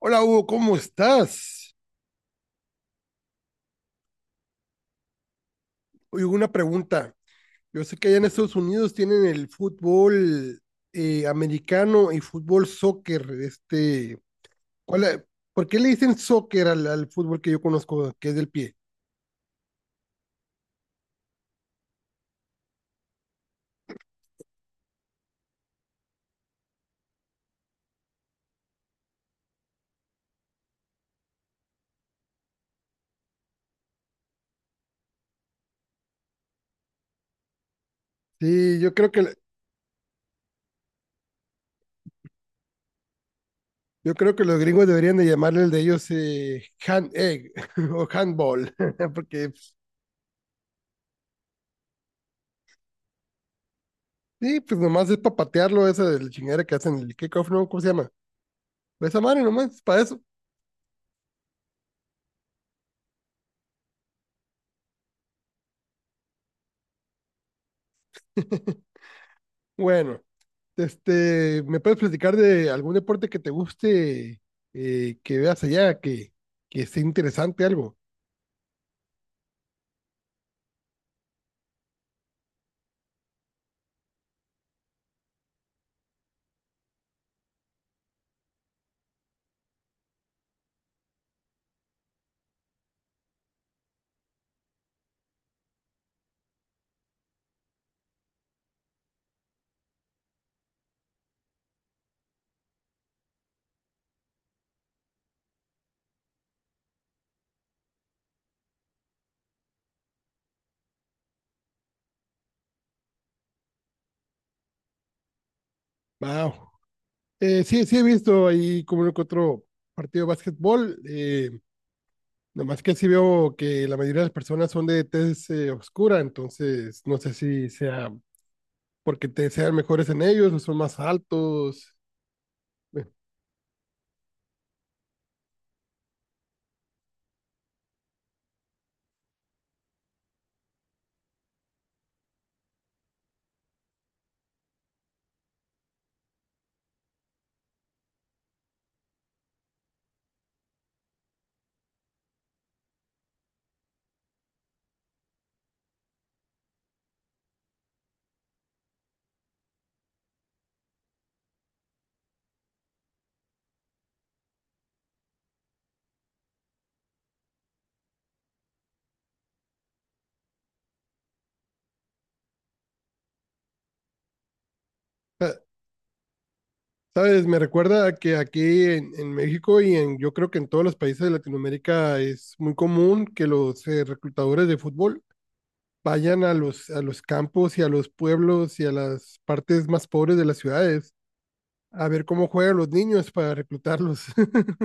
Hola Hugo, ¿cómo estás? Oye, Hugo, una pregunta. Yo sé que allá en Estados Unidos tienen el fútbol americano y fútbol soccer. ¿Cuál, por qué le dicen soccer al fútbol que yo conozco, que es del pie? Sí, yo creo que los gringos deberían de llamarle el de ellos hand egg o handball, porque pues, sí, pues nomás es para patearlo, esa de la chingadera que hacen el kickoff, ¿no? ¿Cómo se llama? Esa madre nomás, para eso. Bueno. ¿Me puedes platicar de algún deporte que te guste, que veas allá, que esté interesante algo? Wow. Sí, sí he visto ahí como uno que otro partido de básquetbol, nomás que sí veo que la mayoría de las personas son de tez oscura, entonces no sé si sea porque te sean mejores en ellos o son más altos. Eh, eh, Sabes, me recuerda a que aquí en México y yo creo que en todos los países de Latinoamérica es muy común que los reclutadores de fútbol vayan a los campos y a los pueblos y a las partes más pobres de las ciudades a ver cómo juegan los niños para reclutarlos.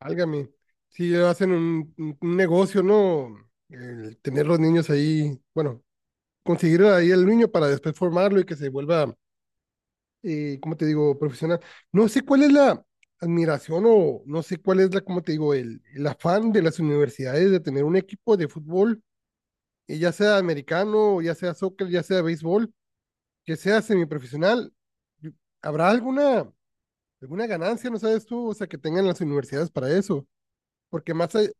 Álgame, si hacen un negocio, ¿no? El tener los niños ahí, bueno, conseguir ahí el niño para después formarlo y que se vuelva ¿cómo te digo?, profesional. No sé cuál es la admiración o no sé cuál es la, ¿cómo te digo?, el afán de las universidades de tener un equipo de fútbol, ya sea americano, ya sea soccer, ya sea béisbol, que sea semiprofesional. ¿Habrá alguna ganancia, no sabes tú, o sea, que tengan las universidades para eso? Porque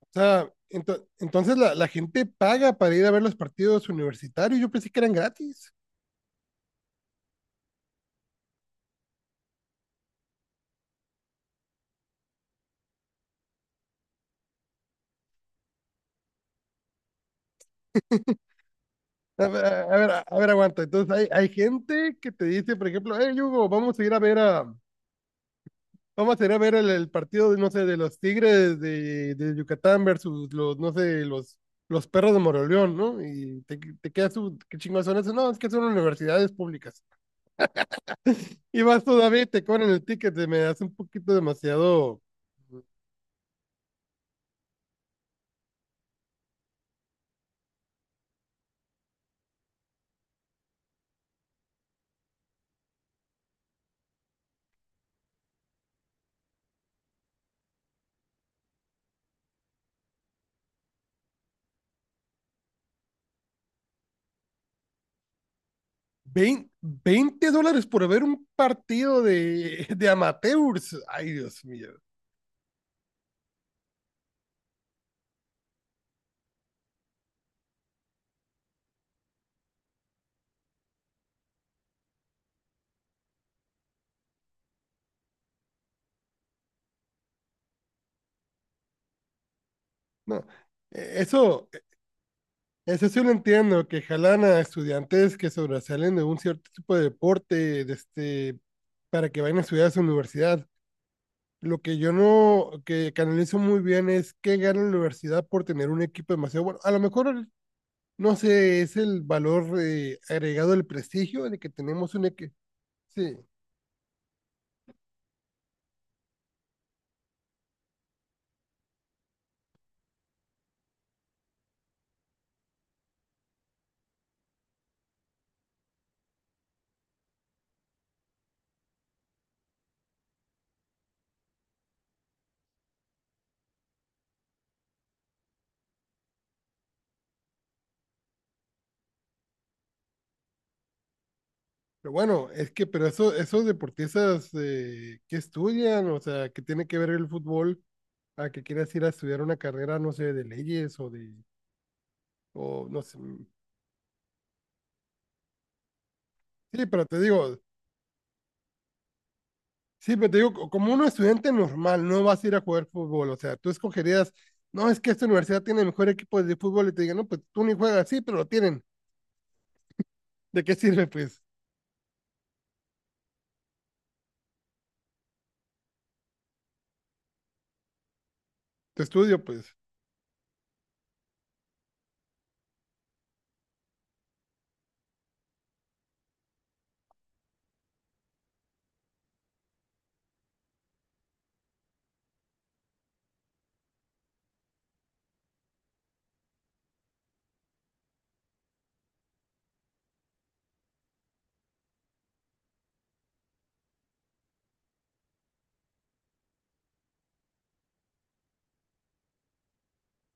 o sea, entonces la gente paga para ir a ver los partidos universitarios. Yo pensé que eran gratis. A ver, a ver, a ver, aguanta. Entonces hay gente que te dice, por ejemplo, hey Hugo, vamos a ir a ver el partido, no sé, de los Tigres de Yucatán versus los, no sé, los perros de Moroleón, ¿no? Y te quedas, ¿qué chingados son eso? No, es que son universidades públicas. Y vas todavía y te cobran el ticket, se me hace un poquito demasiado. Veinte $20 por ver un partido de, de amateurs. Ay, Dios mío. No, eso. Eso sí lo entiendo, que jalan a estudiantes que sobresalen de un cierto tipo de deporte, para que vayan a estudiar a su universidad. Lo que yo no, que canalizo muy bien es que gana la universidad por tener un equipo demasiado bueno. A lo mejor, no sé, es el valor agregado del prestigio de que tenemos un equipo. Sí, pero bueno, es que, pero eso, esos deportistas que estudian, o sea, que tiene que ver el fútbol, a que quieras ir a estudiar una carrera, no sé, de leyes o de, o no sé, Sí, pero te digo, sí, pero te digo, como un estudiante normal, no vas a ir a jugar fútbol, o sea, tú escogerías, no, es que esta universidad tiene el mejor equipo de fútbol y te digan, no, pues tú ni juegas, sí, pero lo tienen, ¿de qué sirve, pues? Tu estudio, pues,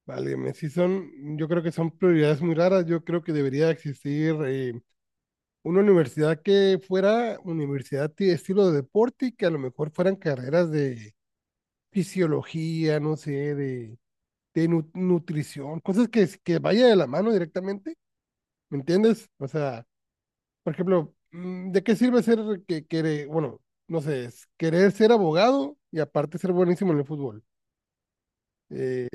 válgame, sí son, yo creo que son prioridades muy raras, yo creo que debería existir una universidad que fuera universidad de estilo de deporte y que a lo mejor fueran carreras de fisiología, no sé, de nutrición, cosas que vaya de la mano directamente. ¿Me entiendes? O sea, por ejemplo, ¿de qué sirve ser que quiere, bueno, no sé, es querer ser abogado y aparte ser buenísimo en el fútbol? Eh,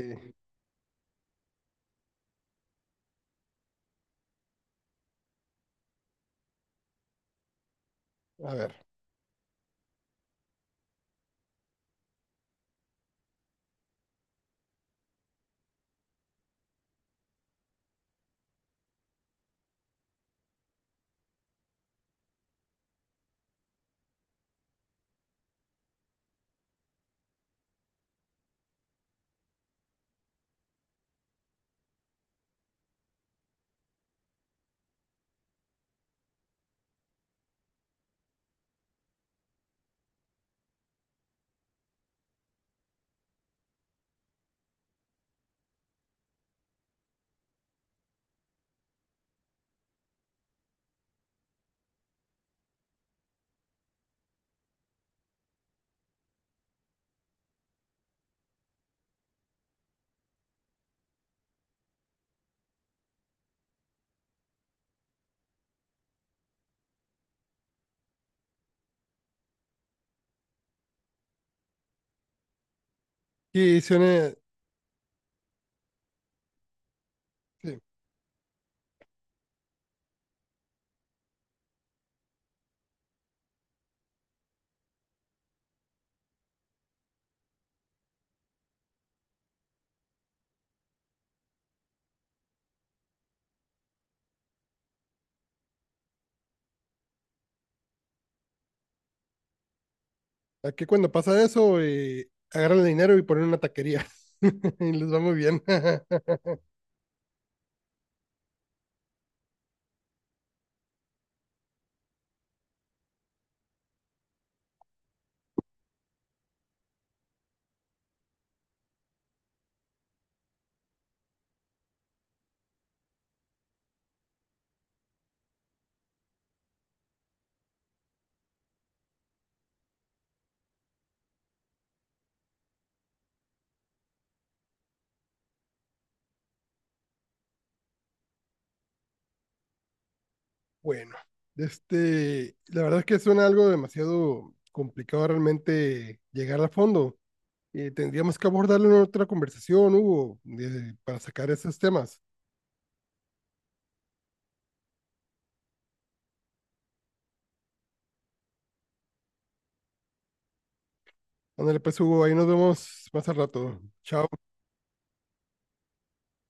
a ver, y suena, sí, aquí cuando pasa eso, agarran el dinero y ponen una taquería y les va muy bien. Bueno, este, la verdad es que suena algo demasiado complicado realmente llegar a fondo. Tendríamos que abordarlo en otra conversación, Hugo, para sacar esos temas. Ándale, pues Hugo, ahí nos vemos más al rato. Chao.